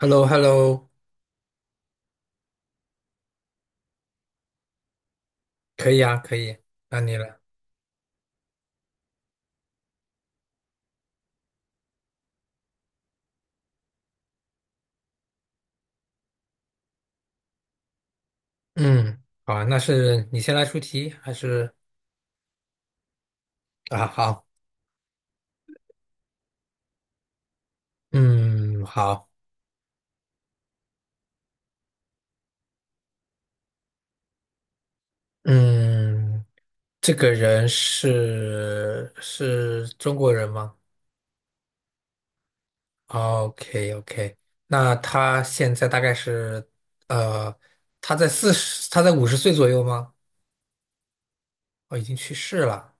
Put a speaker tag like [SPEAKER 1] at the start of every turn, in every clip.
[SPEAKER 1] Hello hello 可以啊，可以，那你来。嗯，好啊，那是你先来出题还是啊？好，嗯，好，嗯，这个人是中国人吗？OK OK，那他现在大概是呃，他在50岁左右吗？哦，已经去世了。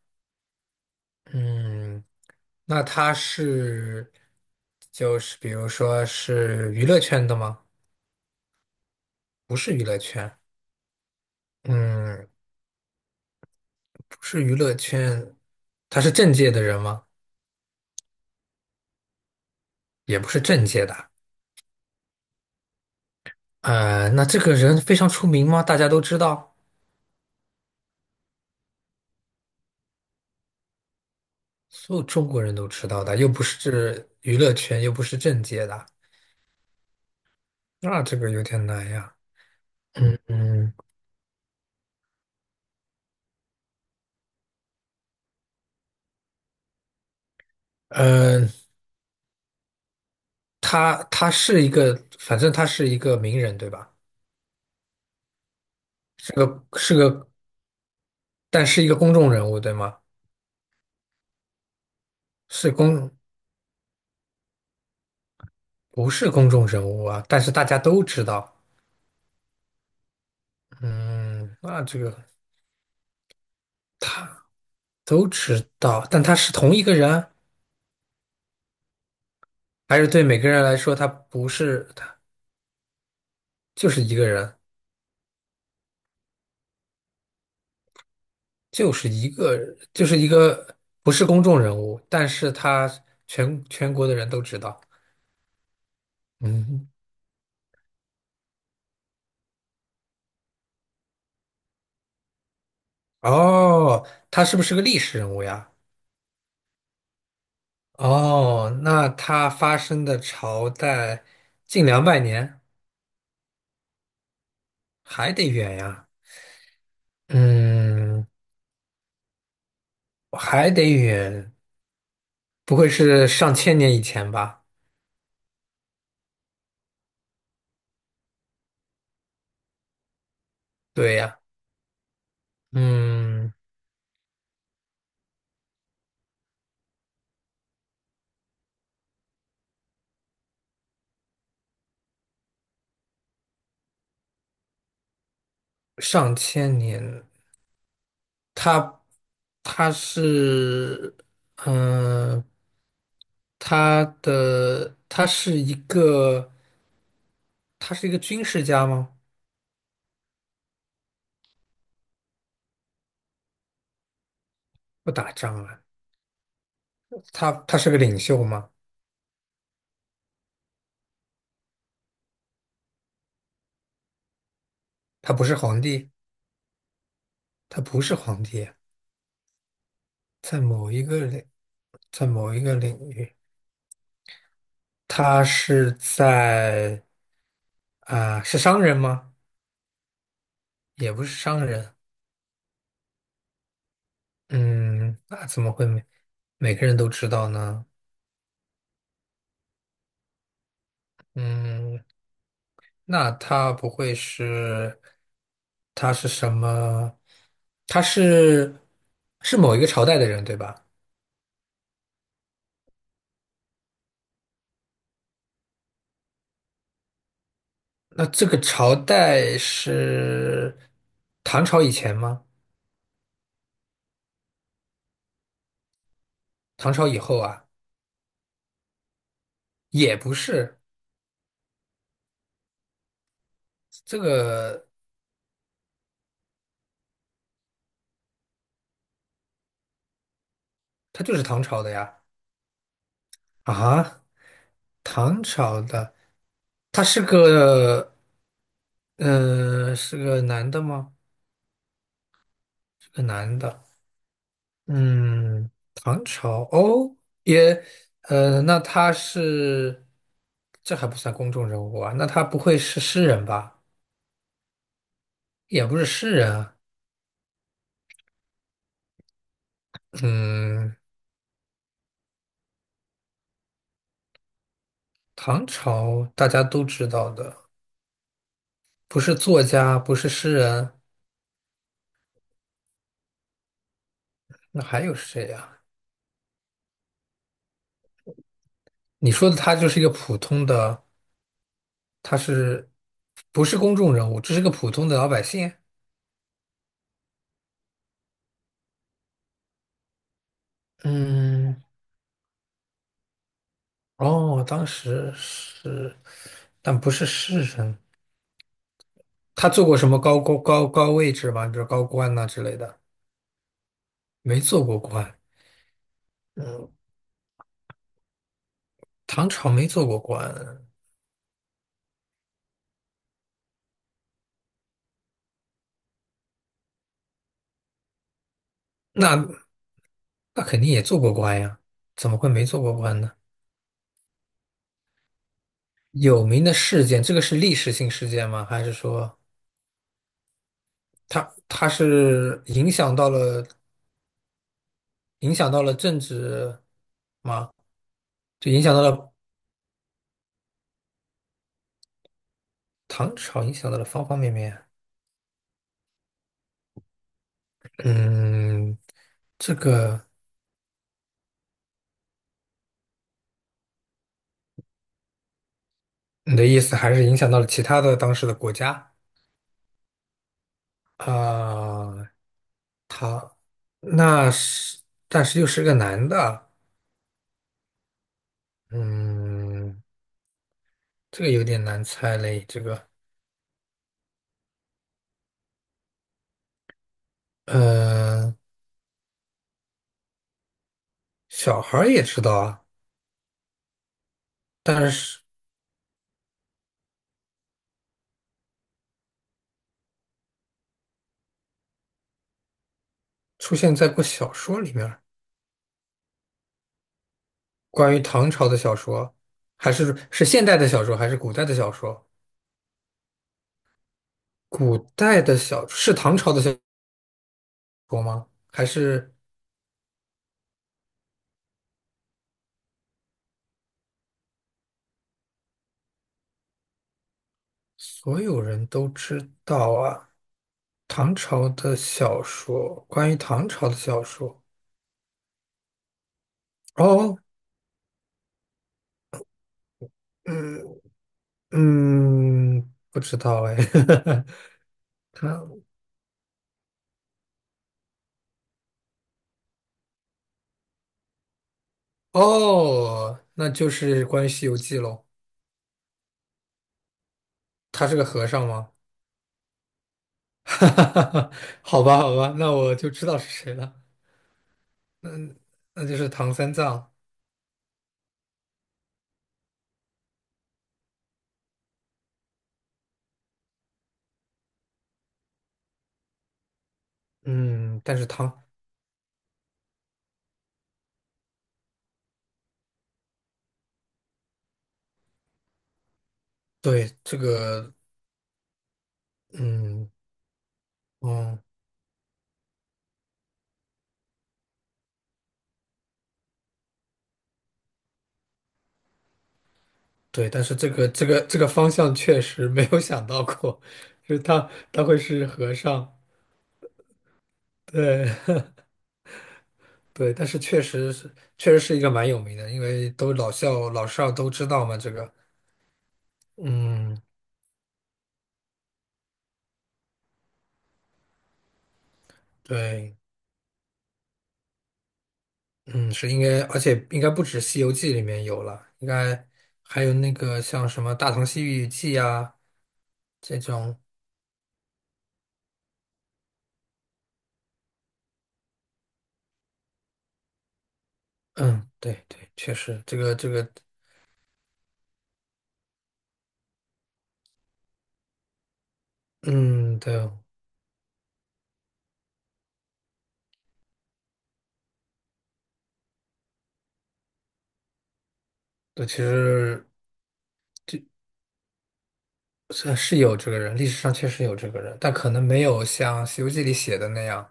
[SPEAKER 1] 嗯，那他是就是比如说是娱乐圈的吗？不是娱乐圈。嗯，不是娱乐圈，他是政界的人吗？也不是政界的。那这个人非常出名吗？大家都知道，所有中国人都知道的，又不是娱乐圈，又不是政界的，那这个有点难呀。嗯嗯，呃，他他是一个，反正他是一个名人，对吧？是个是个，但是一个公众人物，对吗？是公，不是公众人物啊，但是大家都知道。嗯，那这个。都知道，但他是同一个人，还是对每个人来说，他不是，他就是一个人，就是一个，就是一个不是公众人物，但是他全国的人都知道。嗯，哦，他是不是个历史人物呀？哦，那他发生的朝代近200年，还得远呀。嗯，还得远，不会是上千年以前吧？对呀。嗯。上千年，他，他是嗯、呃他的他是一个，他是一个军事家吗？不打仗啊，他是个领袖吗？他不是皇帝，他不是皇帝啊，在某一个领，在某一个领域，他是在啊、是商人吗？也不是商人，嗯，那怎么会每个人都知道呢？嗯，那他不会是，他是什么？他是某一个朝代的人，对吧？那这个朝代是唐朝以前吗？唐朝以后啊？也不是，这个他就是唐朝的呀。啊，唐朝的，他是个，呃，是个男的吗？是个男的。嗯，唐朝哦，也，呃，那他是，这还不算公众人物啊？那他不会是诗人吧？也不是诗人啊。嗯，唐朝大家都知道的，不是作家，不是诗人，那还有谁呀？你说的他就是一个普通的，他是不是公众人物？只是个普通的老百姓。嗯，哦，当时是，但不是诗人。他做过什么高位置吗？比如高官呐、之类的，没做过官。嗯，唐朝没做过官，那那肯定也做过官呀，怎么会没做过官呢？有名的事件，这个是历史性事件吗？还是说他是影响到了政治吗？就影响到了唐朝，影响到了方方面面。嗯，这个你的意思还是影响到了其他的当时的国家啊？他那是，但是又是个男的，嗯，这个有点难猜嘞。这个，嗯，小孩儿也知道啊，但是出现在过小说里面儿关于唐朝的小说，还是现代的小说，还是古代的小说？古代的小是唐朝的小说吗？还是所有人都知道啊？唐朝的小说，关于唐朝的小说，哦。嗯，嗯，不知道哎，他哦，那就是关于《西游记》喽。他是个和尚吗？哈哈哈好吧，好吧，那我就知道是谁了，那就是唐三藏。嗯，但是唐，对，这个，嗯，嗯，对，但是这个方向确实没有想到过，就是他会是和尚。对对，但是确实是一个蛮有名的，因为都老校老少都知道嘛，这个。嗯，对，嗯，是应该，而且应该不止《西游记》里面有了，应该还有那个像什么《大唐西域记》啊这种，嗯，对对，确实，嗯，对对，其实这是有这个人，历史上确实有这个人，但可能没有像《西游记》里写的那样，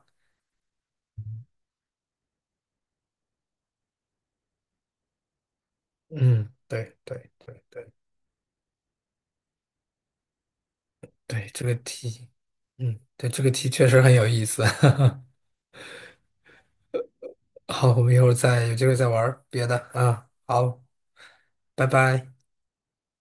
[SPEAKER 1] 嗯，对对对对对，这个题，嗯，对，这个题确实很有意思，好，我们一会儿再有机会再玩儿别的啊。好，拜拜。